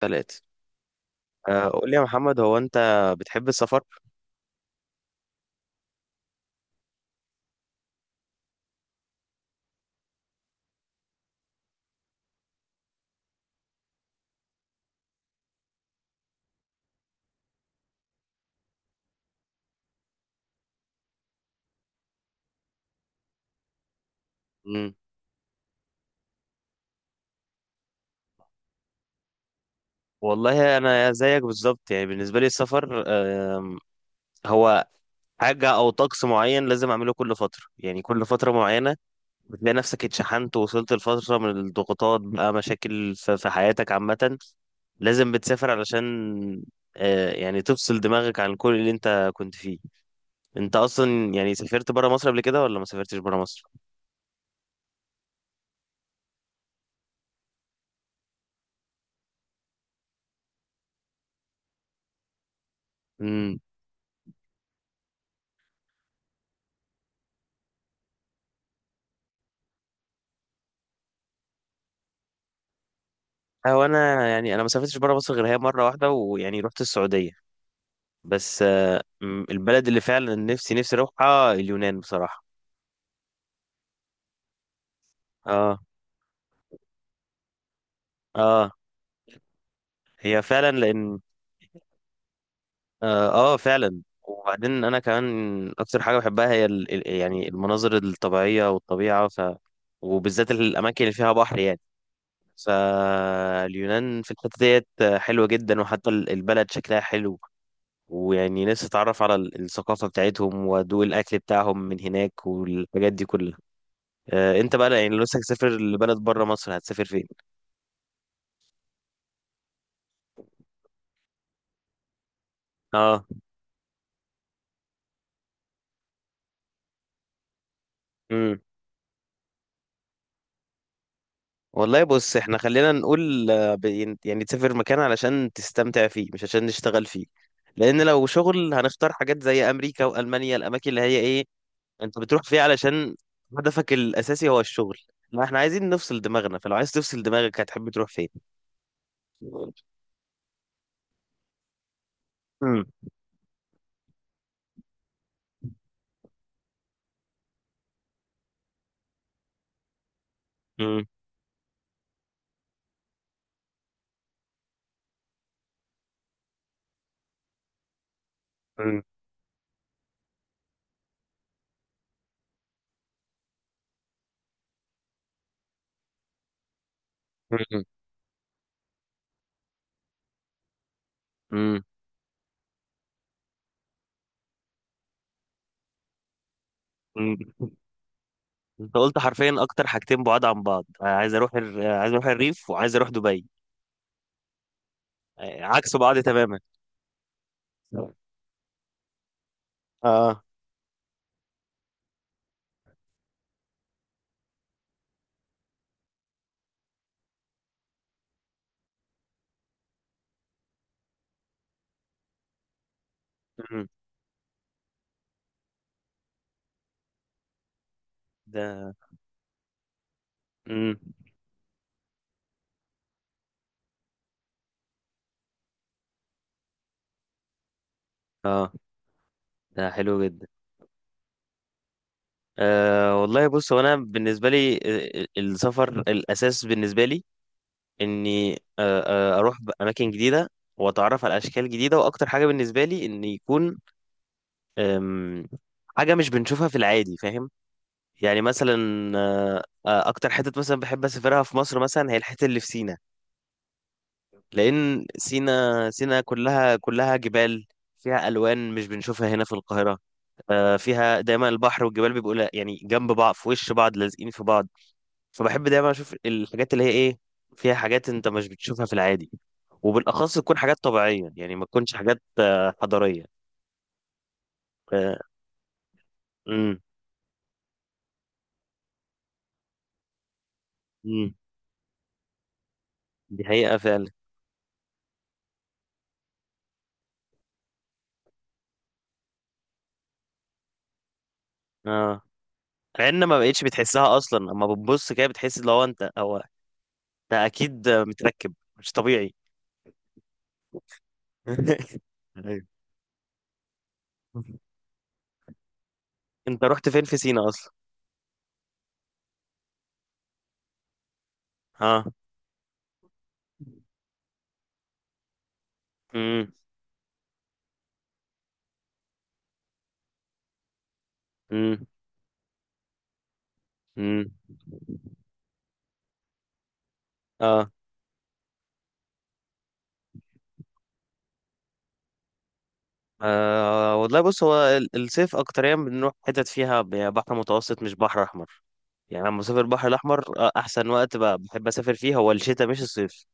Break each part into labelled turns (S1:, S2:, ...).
S1: ثلاثة. قول لي يا محمد، هو أنت بتحب السفر؟ مم. والله أنا زيك بالظبط، يعني بالنسبة لي السفر هو حاجة أو طقس معين لازم أعمله كل فترة، يعني كل فترة معينة بتلاقي نفسك اتشحنت ووصلت لفترة من الضغوطات، بقى مشاكل في حياتك عامة لازم بتسافر علشان يعني تفصل دماغك عن كل اللي أنت كنت فيه. أنت أصلا يعني سافرت برا مصر قبل كده، ولا ما سافرتش برا مصر؟ هو انا، يعني انا ما سافرتش بره مصر غير هي مره واحده، ويعني رحت السعوديه. بس البلد اللي فعلا نفسي اروحها اليونان بصراحه. اه. اه، هي فعلا لان اه, آه فعلا. وبعدين انا كمان اكتر حاجه بحبها هي يعني المناظر الطبيعيه والطبيعه وبالذات الاماكن اللي فيها بحر يعني. فاليونان في الحته ديت حلوه جدا، وحتى البلد شكلها حلو، ويعني نفسي اتعرف على الثقافة بتاعتهم وادوق الاكل بتاعهم من هناك والحاجات دي كلها. آه، انت بقى يعني لو نفسك تسافر لبلد بره مصر، هتسافر فين؟ اه. امم. والله بص، احنا خلينا نقول، يعني تسافر مكان علشان تستمتع فيه، مش عشان نشتغل فيه. لان لو شغل هنختار حاجات زي امريكا والمانيا، الاماكن اللي هي ايه انت بتروح فيها علشان هدفك الاساسي هو الشغل. ما احنا عايزين نفصل دماغنا، فلو عايز تفصل دماغك هتحب تروح فين؟ امم. امم. امم. امم. مم. انت قلت حرفيا اكتر حاجتين بعاد عن بعض، انا عايز اروح عايز اروح الريف، وعايز اروح دبي. آه، عكس بعض تماما. اه. مم. ده. مم. اه، ده حلو جدا. آه، والله بص، هو انا بالنسبه لي، السفر الاساس بالنسبه لي اني آه اروح اماكن جديده واتعرف على اشكال جديده. واكتر حاجه بالنسبه لي ان يكون آم، حاجه مش بنشوفها في العادي، فاهم؟ يعني مثلا آه، اكتر حتة مثلا بحب اسافرها في مصر، مثلا هي الحتة اللي في سينا. لان سينا، سينا كلها جبال، فيها الوان مش بنشوفها هنا في القاهرة. فيها دايما البحر والجبال بيبقوا يعني جنب بعض، في وش بعض، لازقين في بعض. فبحب دايما اشوف الحاجات اللي هي ايه فيها، حاجات انت مش بتشوفها في العادي، وبالاخص تكون حاجات طبيعية، يعني ما تكونش حاجات حضارية. آه. امم. امم. دي حقيقة فعلا. اه، مع ان ما بقتش بتحسها اصلا. اما بتبص كده بتحس لو انت او ده اكيد متركب، مش طبيعي. ايوه. انت رحت فين في سينا اصلا؟ اه. امم. امم. امم. اه. آه، والله بص، هو الصيف اكتريا بنروح حتت فيها بحر متوسط، مش بحر احمر. يعني لما بسافر البحر الاحمر، احسن وقت بحب اسافر فيه هو الشتاء، مش الصيف.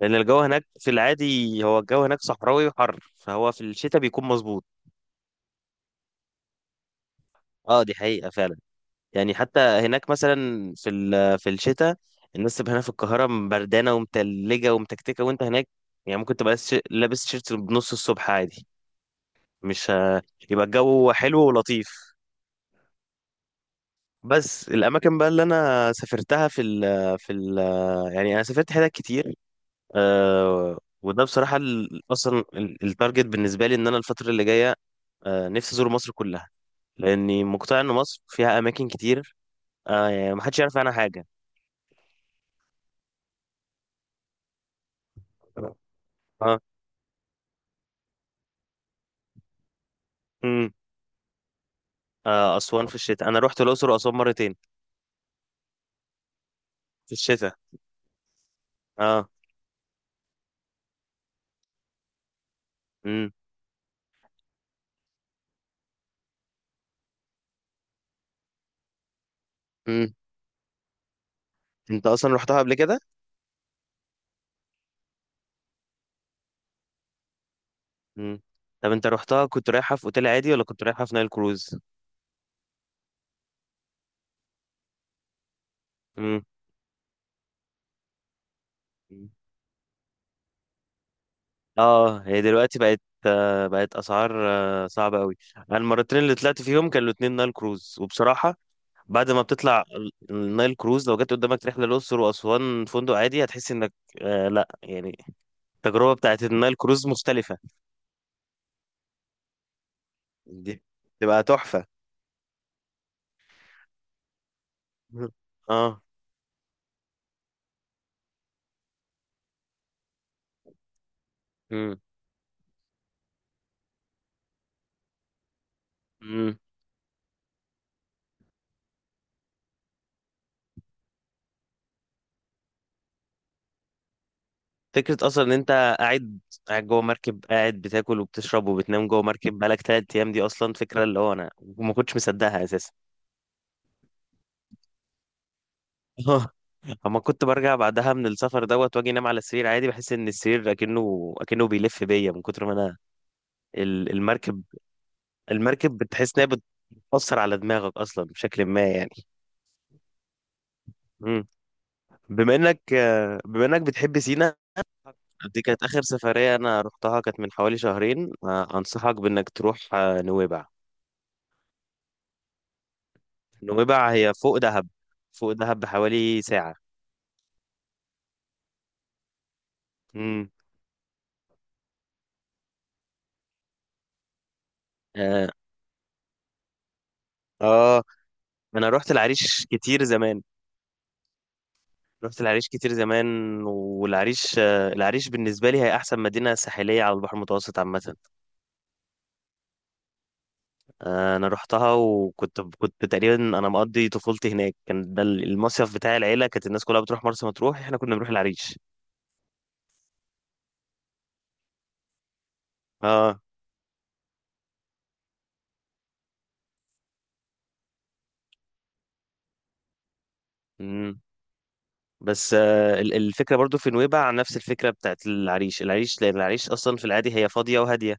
S1: لان الجو هناك في العادي، هو الجو هناك صحراوي وحر، فهو في الشتاء بيكون مظبوط. اه، دي حقيقة فعلا. يعني حتى هناك مثلا في في الشتاء، الناس تبقى هنا في القاهرة بردانة ومتلجة ومتكتكة، وانت هناك يعني ممكن تبقى لابس تيشيرت بنص الصبح عادي. مش ه- يبقى الجو حلو ولطيف. بس الأماكن بقى اللي أنا سافرتها في ال يعني أنا سافرت حتت كتير. آه، وده بصراحة التارجت بالنسبة لي إن أنا الفترة اللي جاية آه، نفسي أزور مصر كلها، لأني مقتنع إن مصر فيها أماكن كتير آه، يعني محدش يعرف عنها حاجة. اه. آه، أسوان في الشتاء. أنا رحت الأقصر وأسوان مرتين في الشتاء. أه. امم. امم. أنت أصلا رحتها قبل كده؟ امم. طب أنت رحتها كنت رايحة في أوتيل عادي، ولا كنت رايحة في نايل كروز؟ امم. أه، هي دلوقتي بقت آه، بقت أسعار آه، صعبة أوي. أنا المرتين اللي طلعت فيهم كانوا الاتنين نايل كروز، وبصراحة بعد ما بتطلع النايل كروز، لو جت قدامك رحلة الأقصر وأسوان فندق عادي هتحس إنك آه، لأ، يعني التجربة بتاعت النايل كروز مختلفة. دي تبقى تحفة. أه. مم. فكرة أصلا إن أنت قاعد قاعد جوه مركب، قاعد بتاكل وبتشرب وبتنام جوه مركب بقالك تلات أيام. دي أصلا فكرة اللي هو أنا ما كنتش مصدقها أساسا. أما كنت برجع بعدها من السفر دوت وأجي أنام على السرير عادي، بحس إن السرير أكنه بيلف بيا من كتر ما أنا ال- المركب المركب، بتحس إنها بتأثر على دماغك أصلا بشكل ما يعني. مم. بما إنك بتحب سينا، دي كانت آخر سفرية أنا رحتها، كانت من حوالي شهرين. آه، أنصحك بإنك تروح آه، نويبع. نويبع هي فوق دهب، فوق دهب بحوالي ساعة. امم. اه. آه، انا رحت العريش كتير زمان. رحت العريش كتير زمان. والعريش آه، العريش بالنسبة لي هي أحسن مدينة ساحلية على البحر المتوسط عامة. آه، أنا رحتها، وكنت تقريبا أنا مقضي طفولتي هناك، كان ده المصيف بتاع العيلة. كانت الناس كلها بتروح مرسى مطروح، إحنا كنا بنروح العريش. اه. امم. بس آه، ال- الفكرة برضو في نويبع نفس الفكرة بتاعت العريش. العريش لأن العريش أصلا في العادي هي فاضية وهادية،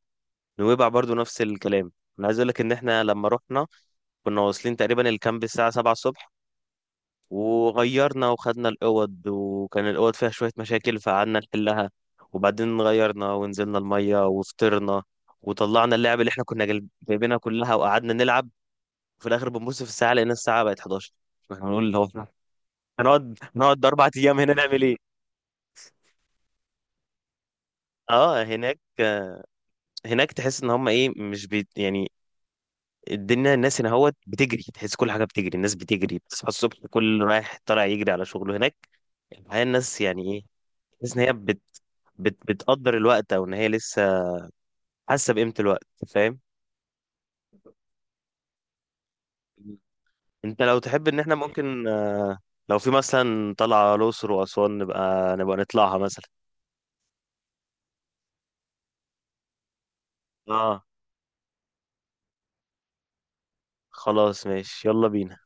S1: نويبع برضو نفس الكلام. انا عايز اقول لك ان احنا لما رحنا كنا واصلين تقريبا الكامب الساعه 7 الصبح، وغيرنا وخدنا الاوض، وكان الاوض فيها شويه مشاكل فقعدنا نحلها، وبعدين غيرنا ونزلنا الميه وفطرنا، وطلعنا اللعب اللي احنا كنا جايبينها كلها وقعدنا نلعب، وفي الاخر بنبص في الساعه لقينا الساعه بقت 11. احنا هنقول اللي هو احنا هنقعد اربع ايام هنا نعمل ايه؟ اه، هناك، هناك تحس ان هم ايه، مش بي يعني. الدنيا الناس هنا هوت بتجري، تحس كل حاجه بتجري، الناس بتجري، بتصحى الصبح كل رايح طالع يجري على شغله. هناك الحقيقه الناس يعني ايه، تحس ان هي بتقدر الوقت، او ان هي لسه حاسه بقيمه الوقت، فاهم؟ انت لو تحب ان احنا ممكن آه، لو في مثلا طلعه الاقصر واسوان، نبقى نطلعها مثلا. اه، خلاص ماشي، يلا بينا.